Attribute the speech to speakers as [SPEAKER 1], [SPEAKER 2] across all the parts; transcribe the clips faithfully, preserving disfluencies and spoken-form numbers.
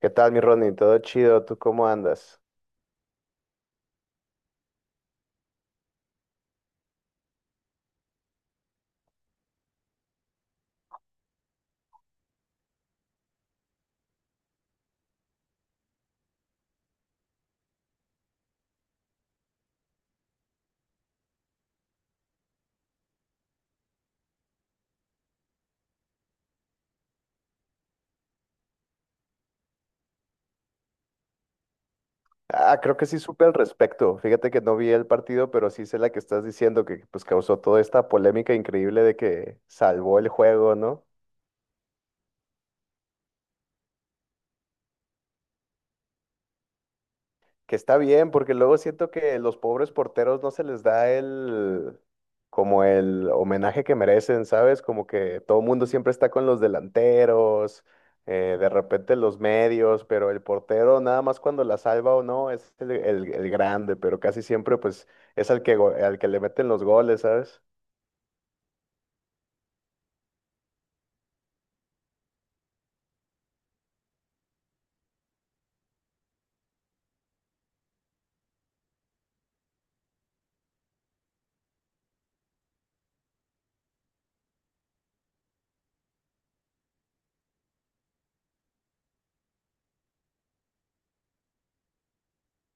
[SPEAKER 1] ¿Qué tal, mi Ronnie? ¿Todo chido? ¿Tú cómo andas? Ah, creo que sí supe al respecto. Fíjate que no vi el partido, pero sí sé la que estás diciendo, que pues causó toda esta polémica increíble de que salvó el juego, ¿no? Que está bien, porque luego siento que los pobres porteros no se les da el, como el homenaje que merecen, ¿sabes? Como que todo el mundo siempre está con los delanteros, eh, de repente los medios, pero el portero nada más cuando la salva o no es el, el- el grande, pero casi siempre pues es al que, go- al que le meten los goles, ¿sabes?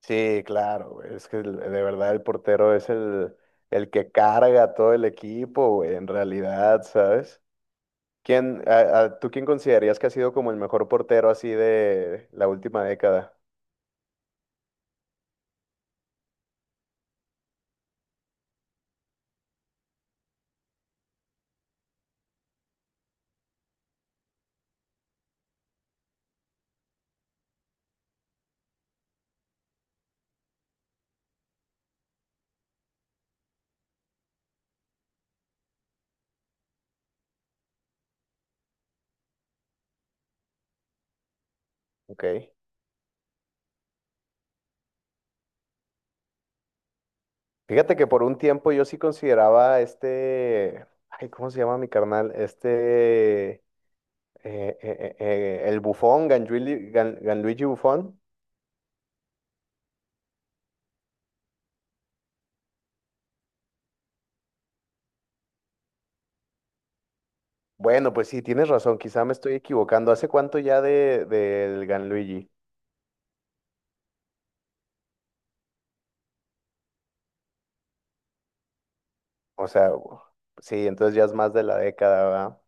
[SPEAKER 1] Sí, claro, güey, es que el- de verdad el portero es el, el que carga a todo el equipo, güey, en realidad, ¿sabes? ¿Quién, a- a- tú quién considerarías que ha sido como el mejor portero así de la última década? Ok. Fíjate que por un tiempo yo sí consideraba a este, ay, ¿cómo se llama mi carnal? Este, eh, eh, eh, eh, el Bufón, Ganluigi, Gan- Ganluigi Bufón. Bueno, pues sí, tienes razón, quizá me estoy equivocando. ¿Hace cuánto ya de, del Ganluigi? O sea, u- sí, entonces ya es más de la década, ¿verdad?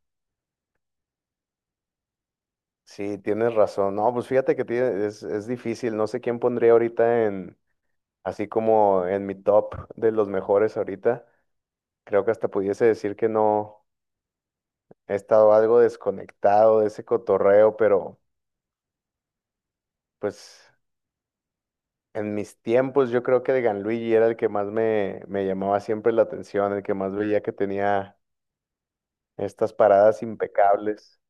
[SPEAKER 1] Sí, tienes razón. No, pues fíjate que tiene- es, es difícil. No sé quién pondría ahorita así como en mi top de los mejores ahorita, creo que hasta pudiese decir que no he estado algo desconectado de ese cotorreo, pero pues en mis tiempos yo creo que de Ganluigi era el que más me, me llamaba siempre la atención, el que más veía que tenía estas paradas impecables.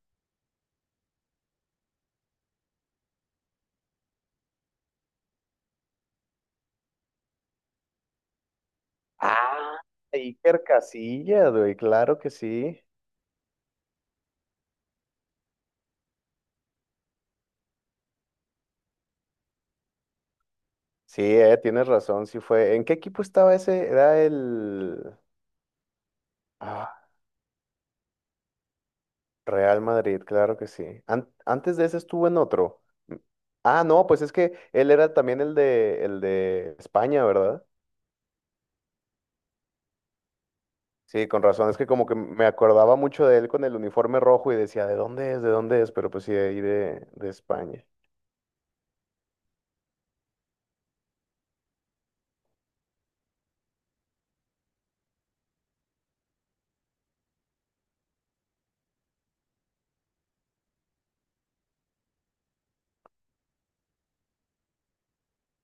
[SPEAKER 1] Ah, Iker Casillas, güey, claro que sí. Sí, eh, tienes razón, sí fue. ¿En qué equipo estaba ese? Era el... Ah, Real Madrid, claro que sí. An- antes de ese estuvo en otro. Mm. Ah, no, pues es que él era también el de, el de España, ¿verdad? Sí, con razón. Es que como que me acordaba mucho de él con el uniforme rojo y decía, ¿de dónde es? ¿De dónde es? Pero pues sí, de ahí de, de España.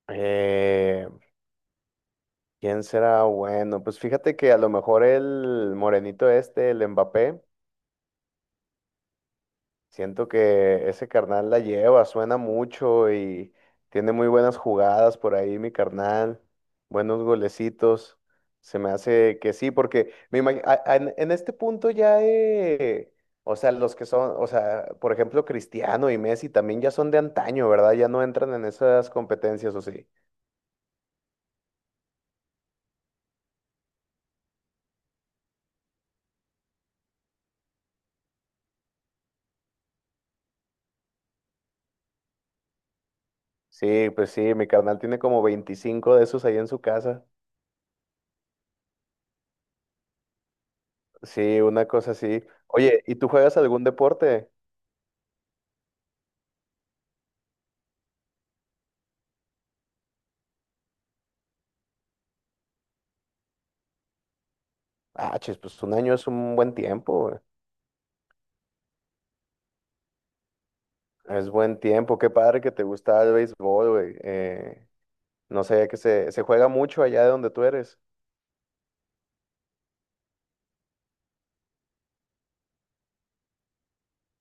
[SPEAKER 1] Eh, ¿Quién será bueno? Pues fíjate que a lo mejor el morenito este, el Mbappé, siento que ese carnal la lleva, suena mucho y tiene muy buenas jugadas por ahí, mi carnal, buenos golecitos. Se me hace que sí, porque me imag- a- a- en en este punto ya, eh, o sea, los que son, o sea, por ejemplo, Cristiano y Messi también ya son de antaño, ¿verdad? Ya no entran en esas competencias, ¿o sí? Sí, pues sí, mi carnal tiene como veinticinco de esos ahí en su casa. Sí, una cosa así. Oye, ¿y tú juegas algún deporte? Ah, chis, pues un año es un buen tiempo, güey. Es buen tiempo. Qué padre que te gusta el béisbol, güey. Eh, no sabía que se, se juega mucho allá de donde tú eres.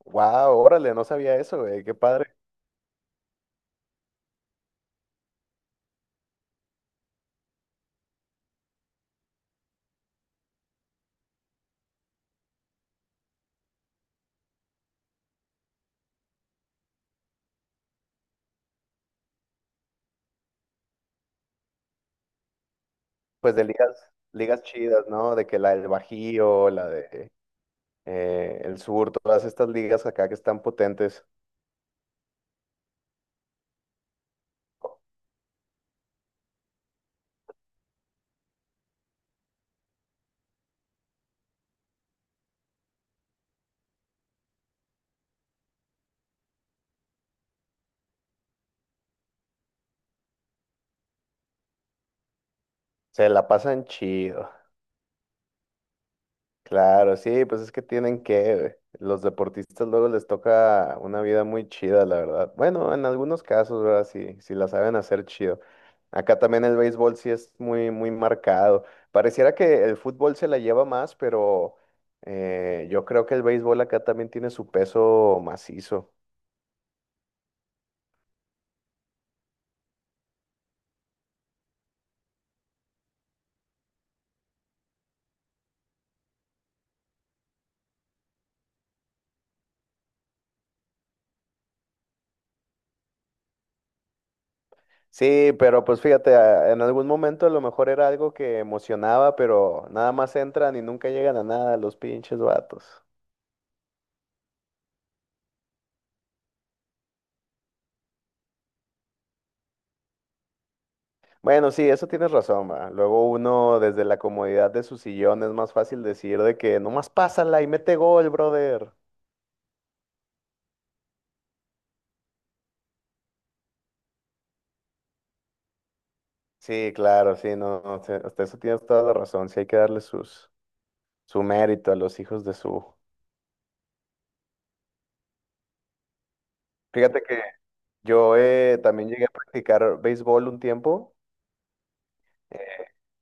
[SPEAKER 1] Wow, órale, no sabía eso, güey. Qué padre. Pues de ligas, ligas chidas, ¿no? De que la del Bajío, la de eh, el Sur, todas estas ligas acá que están potentes, se la pasan chido. Claro, sí, pues es que tienen que, güey. Los deportistas luego les toca una vida muy chida, la verdad. Bueno, en algunos casos, ¿verdad? Sí, sí la saben hacer chido. Acá también el béisbol sí es muy, muy marcado. Pareciera que el fútbol se la lleva más, pero eh, yo creo que el béisbol acá también tiene su peso macizo. Sí, pero pues fíjate, a- en algún momento a lo mejor era algo que emocionaba, pero nada más entran y nunca llegan a nada los pinches vatos. Bueno, sí, eso tienes razón, va. Luego uno desde la comodidad de su sillón es más fácil decir de que nomás pásala y mete gol, brother. Sí, claro, sí, no, no, sí, hasta eso tienes toda la razón, sí hay que darle sus, su mérito a los hijos de su... Fíjate que yo eh, también llegué a practicar béisbol un tiempo,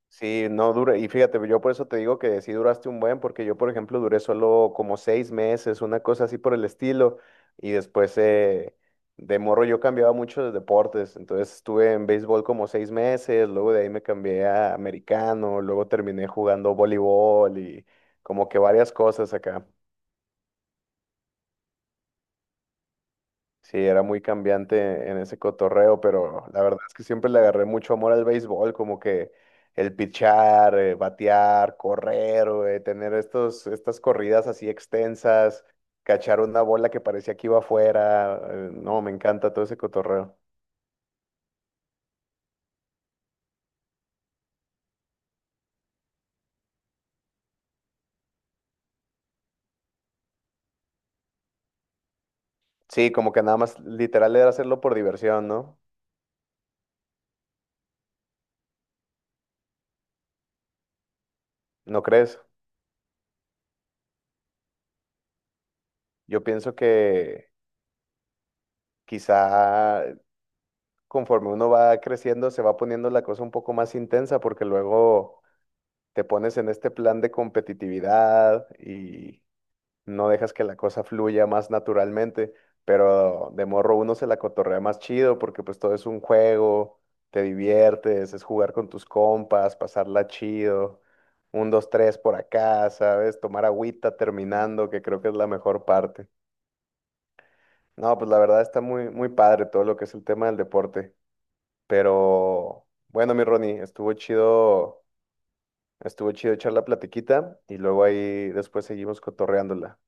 [SPEAKER 1] sí, no dura, y fíjate, yo por eso te digo que sí duraste un buen, porque yo, por ejemplo, duré solo como seis meses, una cosa así por el estilo, y después eh, de morro yo cambiaba mucho de deportes, entonces estuve en béisbol como seis meses, luego de ahí me cambié a americano, luego terminé jugando voleibol y como que varias cosas acá. Sí, era muy cambiante en ese cotorreo, pero la verdad es que siempre le agarré mucho amor al béisbol, como que el pichar, eh, batear, correr, güey, tener estos, estas corridas así extensas, cachar una bola que parecía que iba afuera. Eh, no, me encanta todo ese cotorreo. Sí, como que nada más literal era hacerlo por diversión, ¿no? ¿No crees? Yo pienso que quizá conforme uno va creciendo se va poniendo la cosa un poco más intensa porque luego te pones en este plan de competitividad y no dejas que la cosa fluya más naturalmente, pero de morro uno se la cotorrea más chido porque pues todo es un juego, te diviertes, es jugar con tus compas, pasarla chido, un, dos, tres por acá, ¿sabes? Tomar agüita terminando, que creo que es la mejor parte. No, pues la verdad está muy, muy padre todo lo que es el tema del deporte, pero bueno, mi Ronnie, estuvo chido. Estuvo chido echar la platiquita y luego ahí después seguimos cotorreándola.